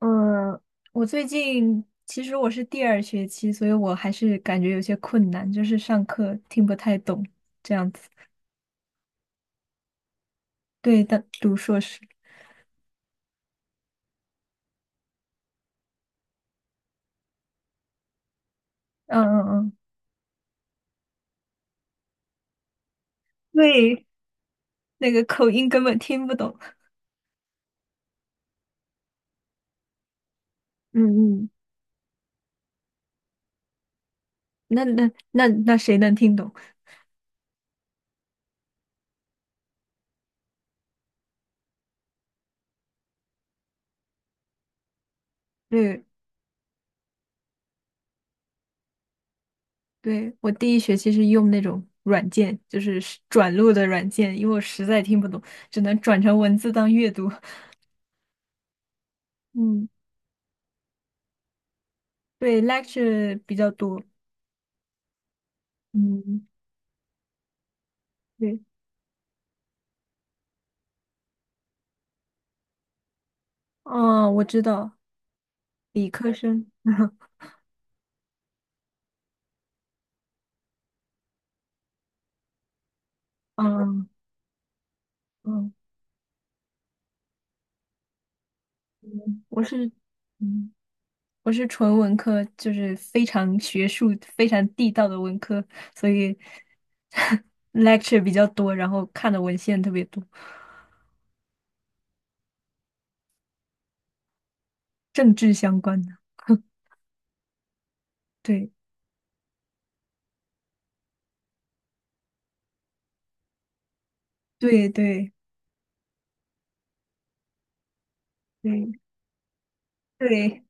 嗯，我最近其实我是第二学期，所以我还是感觉有些困难，就是上课听不太懂这样子。对的，读硕士，嗯嗯嗯，对，那个口音根本听不懂。嗯嗯，那谁能听懂？对对，我第一学期是用那种软件，就是转录的软件，因为我实在听不懂，只能转成文字当阅读。嗯，对，lecture 比较多。嗯，对，哦，我知道。理科生，嗯嗯嗯，嗯我是纯文科，就是非常学术、非常地道的文科，所以 lecture 比较多，然后看的文献特别多，政治相关的。对对对对对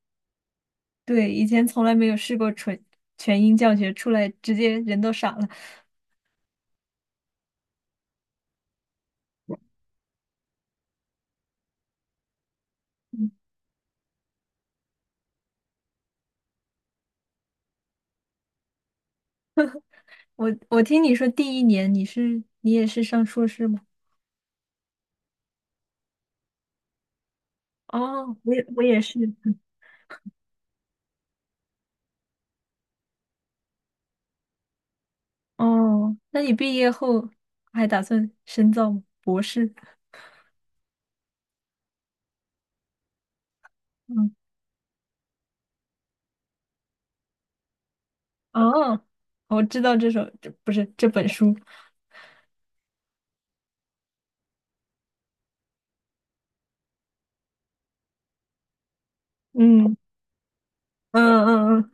对，以前从来没有试过纯全英教学，出来直接人都傻了。嗯，我听你说第一年你也是上硕士吗？哦，我也是。哦，那你毕业后还打算深造吗博士 嗯，哦，我知道这首，这不是这本书。嗯嗯嗯嗯，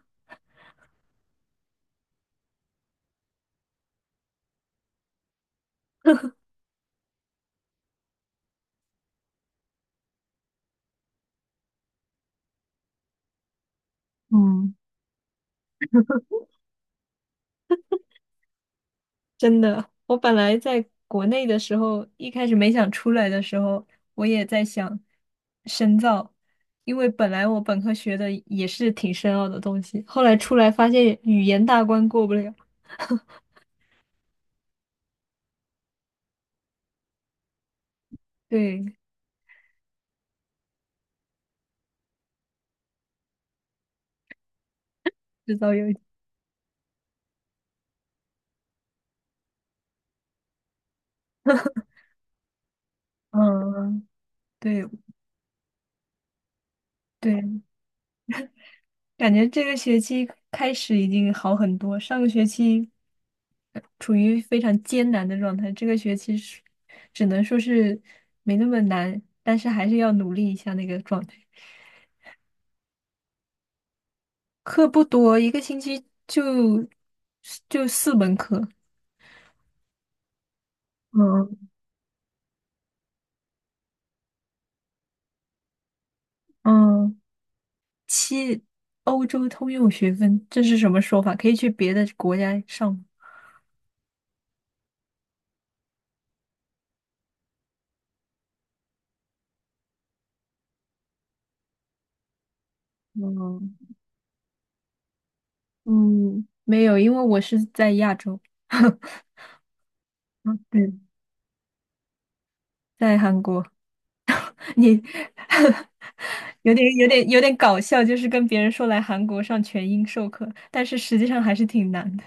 嗯真的，我本来在国内的时候，一开始没想出来的时候，我也在想深造，因为本来我本科学的也是挺深奥的东西，后来出来发现语言大关过不了，对，制造有，嗯，对对，感觉这个学期开始已经好很多，上个学期处于非常艰难的状态，这个学期是只能说是没那么难，但是还是要努力一下那个状态。课不多，一个星期就4门课。嗯嗯，欧洲通用学分，这是什么说法？可以去别的国家上吗？嗯嗯，没有，因为我是在亚洲，嗯，对，在韩国。你 有点搞笑，就是跟别人说来韩国上全英授课，但是实际上还是挺难的。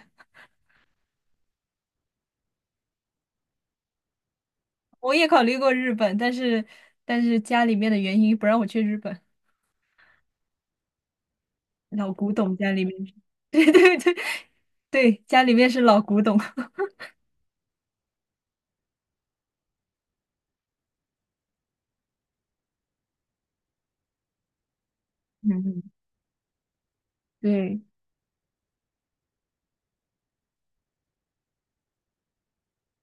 我也考虑过日本，但是家里面的原因不让我去日本，老古董家里面是 对对对对，家里面是老古董。嗯，对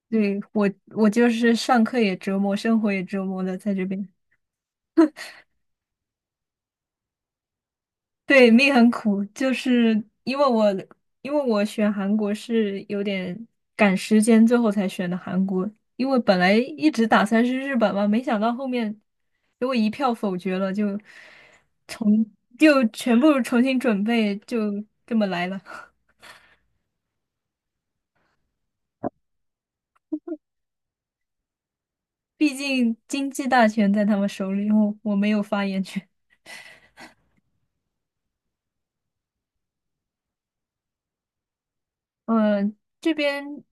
对，我就是上课也折磨，生活也折磨的，在这边。对，命很苦，就是因为我选韩国是有点赶时间，最后才选的韩国。因为本来一直打算是日本嘛，没想到后面给我一票否决了，就全部重新准备，就这么来了。毕竟经济大权在他们手里，我没有发言权。嗯，这边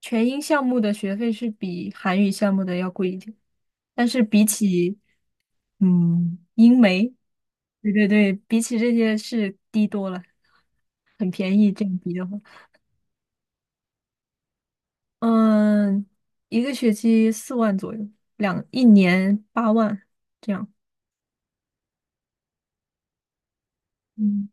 全英项目的学费是比韩语项目的要贵一点，但是比起英媒，对对对，比起这些是低多了，很便宜，这样比的话，嗯，一个学期4万左右，一年8万，这样。嗯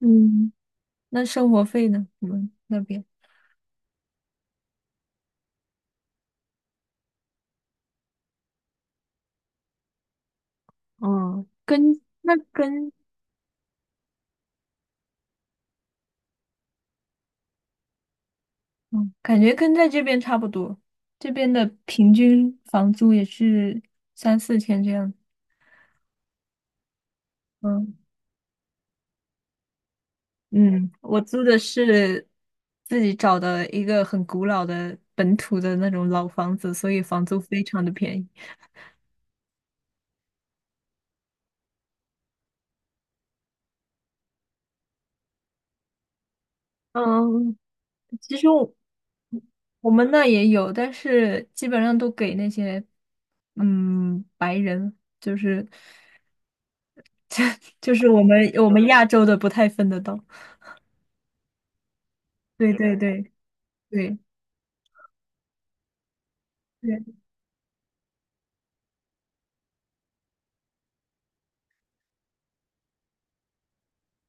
嗯，那生活费呢？你们那边？哦，跟那跟，嗯，感觉跟在这边差不多，这边的平均房租也是三四千这样。嗯嗯，我租的是自己找的一个很古老的本土的那种老房子，所以房租非常的便宜。嗯，其实我们那也有，但是基本上都给那些白人，就是我们亚洲的不太分得到。对对对对对，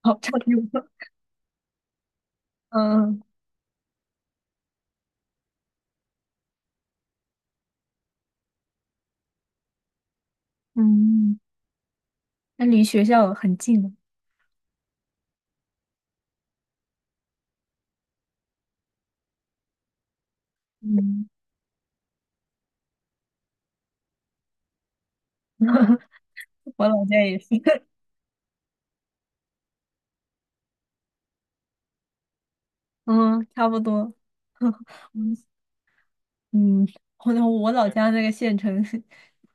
好差不多。嗯嗯，那离学校很近了。嗯，我老家也是。嗯，差不多。嗯，我我老家那个县城，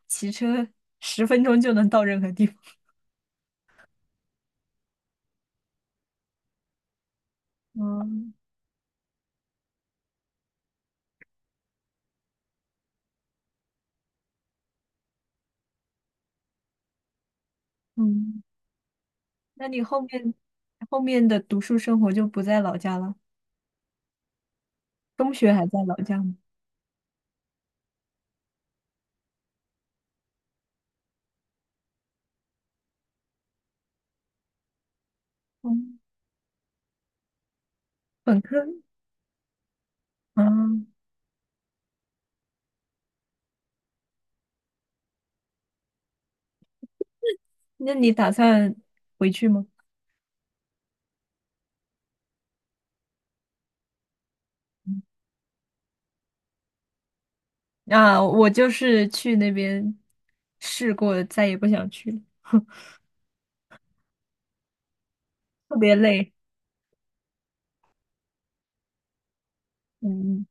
骑车10分钟就能到任何地方。嗯嗯，那你后面的读书生活就不在老家了？中学还在老家吗？嗯，本科。嗯，那你打算回去吗？啊，我就是去那边试过，再也不想去了，特别累。嗯，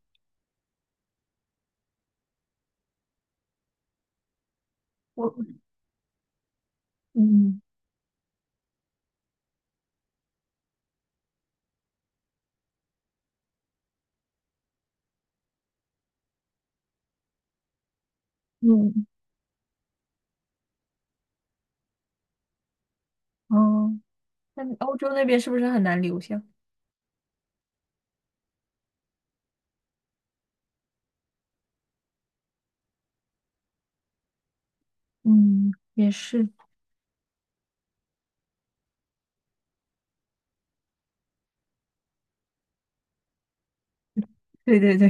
我嗯嗯哦。嗯那欧洲那边是不是很难留下？嗯，也是。对对对，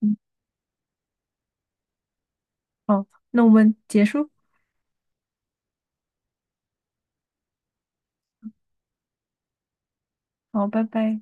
嗯，好，那我们结束，好，拜拜。